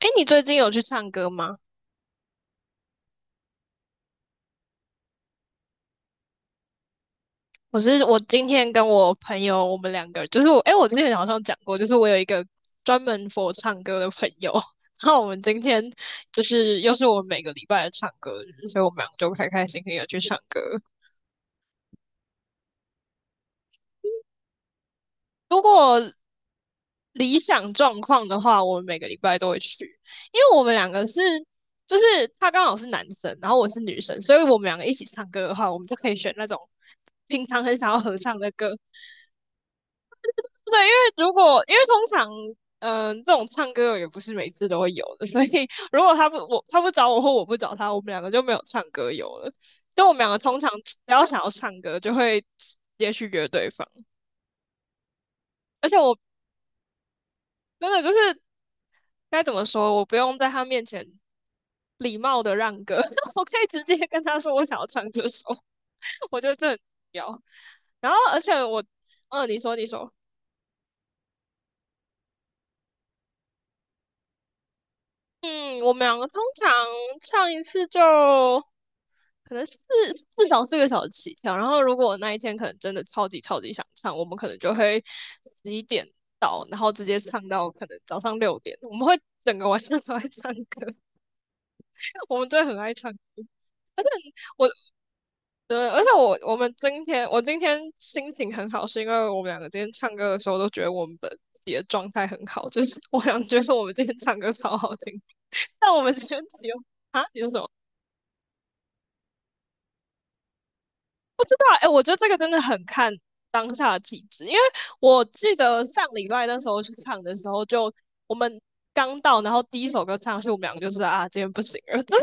哎，你最近有去唱歌吗？我今天跟我朋友，我们两个就是我今天早上讲过，就是我有一个专门 for 唱歌的朋友，然后我们今天就是又是我们每个礼拜的唱歌日，所以我们两个就开开心心的去唱歌。如果理想状况的话，我们每个礼拜都会去，因为我们两个就是他刚好是男生，然后我是女生，所以我们两个一起唱歌的话，我们就可以选那种平常很想要合唱的歌。对，因为通常，这种唱歌也不是每次都会有的，所以如果他不找我或我不找他，我们两个就没有唱歌友了。就我们两个通常只要想要唱歌，就会直接去约对方。而且我真的就是该怎么说，我不用在他面前礼貌的让歌，我可以直接跟他说我想要唱这首，我觉得这很重要。然后而且我，你说你说，嗯，我们两个通常唱一次就。可能四至少四个小时起跳。然后如果我那一天可能真的超级超级想唱，我们可能就会11点到，然后直接唱到可能早上6点。我们会整个晚上都在唱歌，我们真的很爱唱歌。而且我，对，而且我今天心情很好，是因为我们两个今天唱歌的时候都觉得我们本己的状态很好，就是我想觉得我们今天唱歌超好听，但我们今天只有啊，你说什么？道，哎，我觉得这个真的很看当下的体质，因为我记得上礼拜那时候去唱的时候就，我们刚到，然后第一首歌唱上去，我们两个就知道啊，今天不行了。就是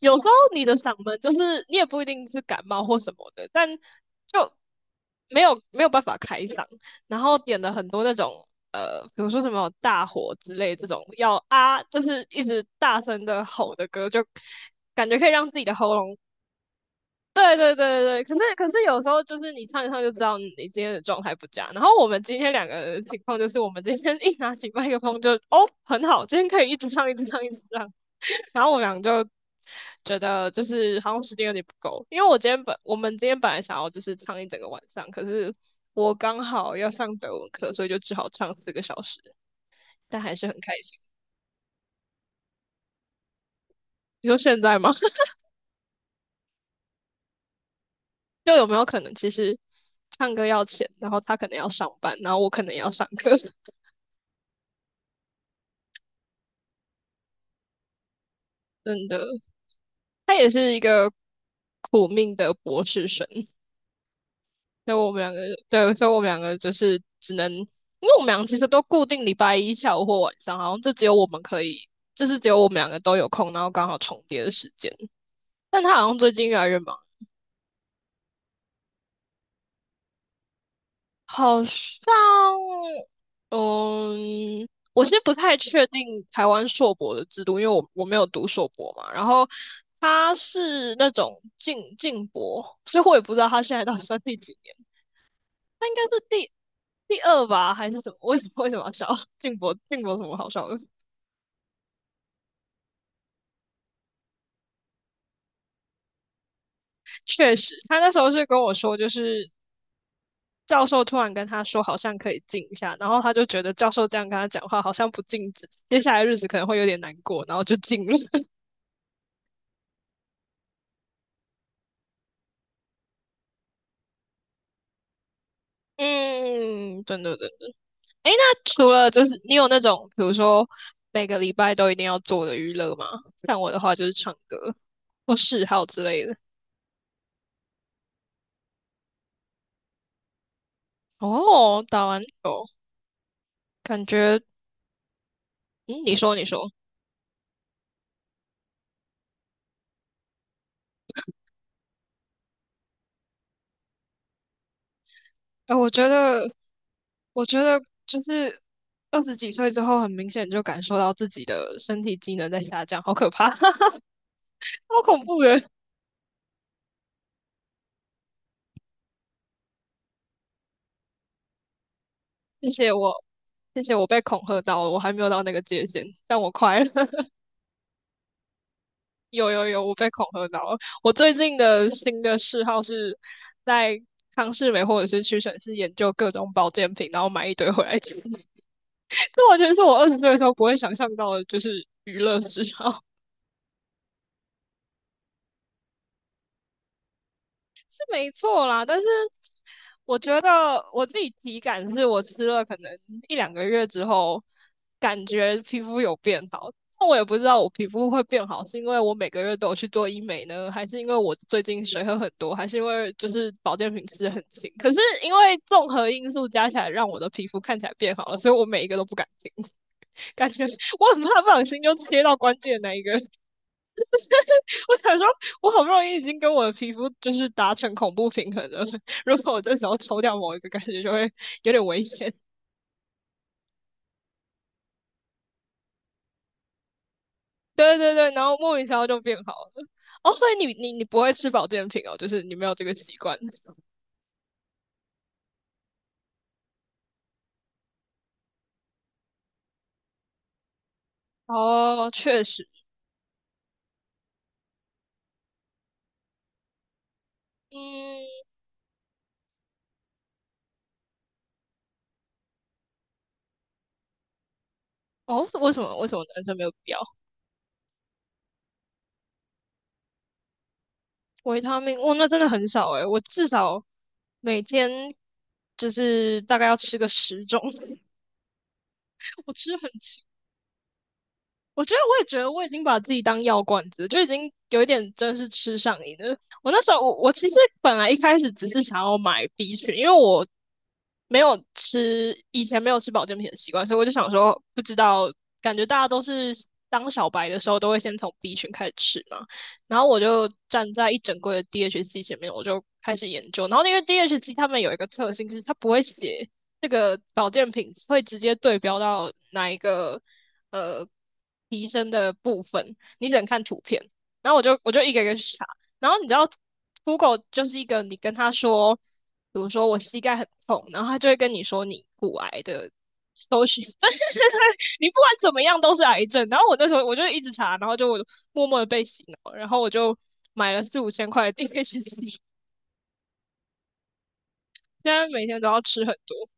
有时候你的嗓门，就是你也不一定是感冒或什么的，但就没有办法开嗓，然后点了很多那种。比如说什么大火之类这种要啊，就是一直大声的吼的歌，就感觉可以让自己的喉咙对对对对对，可是有时候就是你唱一唱就知道你今天的状态不佳。然后我们今天两个人的情况就是，我们今天 一拿起麦克风就哦很好，今天可以一直唱一直唱一直唱。然后我们俩就觉得就是好像时间有点不够，因为我们今天本来想要就是唱一整个晚上，可是我刚好要上德文课，所以就只好唱四个小时，但还是很开心。你说现在吗？就有没有可能其实唱歌要钱，然后他可能要上班，然后我可能也要上课，真的。他也是一个苦命的博士生，所以我们两个，对，所以我们两个就是只能，因为我们俩其实都固定礼拜一下午或晚上，好像就只有我们可以，就是只有我们两个都有空，然后刚好重叠的时间。但他好像最近越来越忙，好像，嗯，我其实不太确定台湾硕博的制度，因为我没有读硕博嘛，然后。他是那种进进博，所以我也不知道他现在到底算第几年。他应该是第二吧，还是什么？为什么要笑？静博有什么好笑的？确实，他那时候是跟我说，就是教授突然跟他说好像可以静一下，然后他就觉得教授这样跟他讲话好像不静止，接下来日子可能会有点难过，然后就静了。嗯，真的真的。诶，那除了就是你有那种，比如说每个礼拜都一定要做的娱乐吗？像我的话就是唱歌或嗜好之类的。哦，打篮球，感觉嗯，你说你说。哎，我觉得，我觉得就是20几岁之后，很明显就感受到自己的身体机能在下降，好可怕，好恐怖的。谢谢我，谢谢我被恐吓到了，我还没有到那个界限，但我快了。有有有，我被恐吓到了。我最近的新的嗜好是在康士美或者是屈臣氏研究各种保健品，然后买一堆回来吃。这完全是我20岁的时候不会想象到的，就是娱乐嗜好。没错啦，但是我觉得我自己体感是我吃了可能一两个月之后，感觉皮肤有变好。那我也不知道我皮肤会变好，是因为我每个月都有去做医美呢，还是因为我最近水喝很多，还是因为就是保健品吃的很勤？可是因为综合因素加起来，让我的皮肤看起来变好了，所以我每一个都不敢停，感觉 我很怕不小心就切到关键那一个。我想说，我好不容易已经跟我的皮肤就是达成恐怖平衡了，如果我这时候抽掉某一个，感觉就会有点危险。对对对，然后莫名其妙就变好了。哦，所以你你你不会吃保健品哦，就是你没有这个习惯。哦，确实，嗯，哦，为什么男生没有必要？维他命，哦，那真的很少诶，我至少每天就是大概要吃个十种，我吃很我觉得我也觉得我已经把自己当药罐子，就已经有一点真是吃上瘾了。我那时候我我其实本来一开始只是想要买 B 群，因为我没有吃以前没有吃保健品的习惯，所以我就想说不知道，感觉大家都是当小白的时候都会先从 B 群开始吃嘛。然后我就站在一整柜的 DHC 前面，我就开始研究。然后因为 DHC 他们有一个特性，就是它不会写这个保健品会直接对标到哪一个。呃提升的部分，你只能看图片。然后我就一个一个去查，然后你知道 Google 就是一个你跟他说，比如说我膝盖很痛，然后他就会跟你说你骨癌的搜寻，但是你不管怎么样都是癌症。然后我那时候就一直查，然后就默默的被洗脑，然后我就买了四五千块的 DHC，现在每天都要吃很多。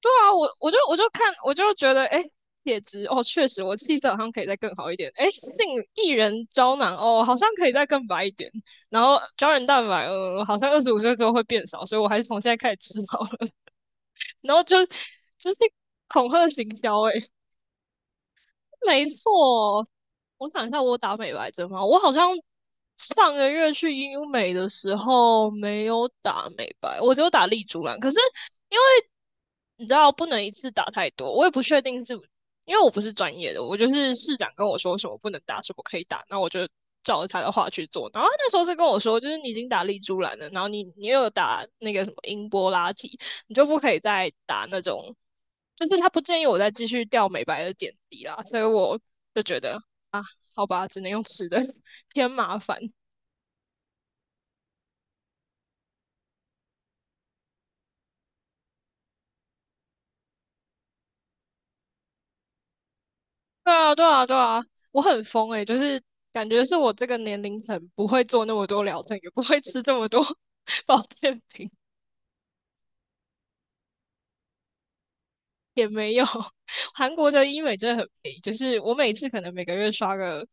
对啊，我看我就觉得，哎，铁质哦，确实我气色好像可以再更好一点。哎，杏薏仁胶囊哦，好像可以再更白一点。然后胶原蛋白，好像25岁之后会变少，所以我还是从现在开始吃好了。然后就就是恐吓行销，哎，没错。我想一下，我打美白针吗？我好像上个月去医美的时候没有打美白，我只有打丽珠兰。可是因为你知道不能一次打太多，我也不确定是因为我不是专业的，我就是市长跟我说什么不能打，什么可以打，那我就照着他的话去做。然后他那时候是跟我说，就是你已经打丽珠兰了，然后你又有打那个什么英波拉提，你就不可以再打那种，就是他不建议我再继续掉美白的点滴啦，所以我就觉得好吧，只能用吃的，偏麻烦。对啊，对啊，对啊，我很疯诶、就是感觉是我这个年龄层不会做那么多疗程，也不会吃这么多 保健品，也没有。韩国的医美真的很便宜，就是我每次可能每个月刷个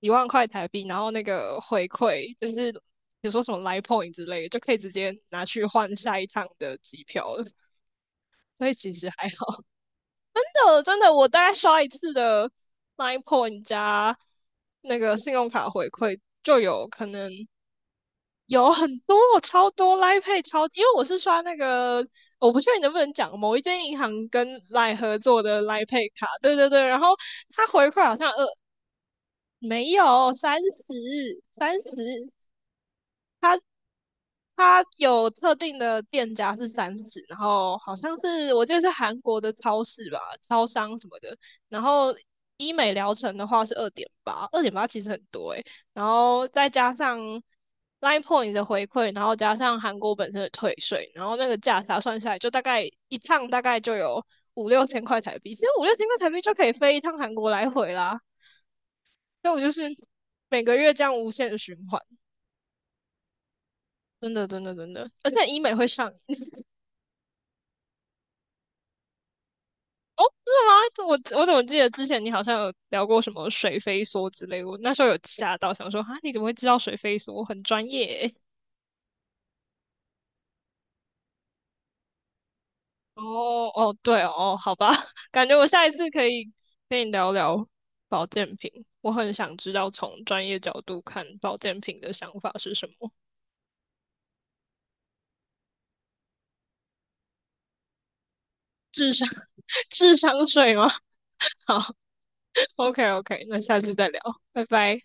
1万块台币，然后那个回馈就是比如说什么 Line Point 之类的，就可以直接拿去换下一趟的机票了，所以其实还好。真的，真的，我大概刷一次的 Line Point 加那个信用卡回馈，就有可能。有很多，超多 l i Pay 超，因为我是刷那个，我不确定能不能讲某一间银行跟 Line 合作的 l i Pay 卡，对对对，然后它回馈好像没有三十三十三十它有特定的店家是三十，然后好像是我记得是韩国的超市吧，超商什么的。然后医美疗程的话是二点八，二点八其实很多诶、然后再加上 Line Point 的回馈，然后加上韩国本身的退税，然后那个价差算下来，就大概一趟大概就有五六千块台币。其实五六千块台币就可以飞一趟韩国来回啦。所以我就是每个月这样无限的循环，真的真的真的，而且医美会上吗？我怎么记得之前你好像有聊过什么水飞梭之类的，我那时候有吓到，想说啊，你怎么会知道水飞梭？我很专业欸。哦哦，对哦，好吧，感觉我下一次可以跟你聊聊保健品，我很想知道从专业角度看保健品的想法是什么。智商 智商税吗？好，OK OK，那下次再聊，拜拜。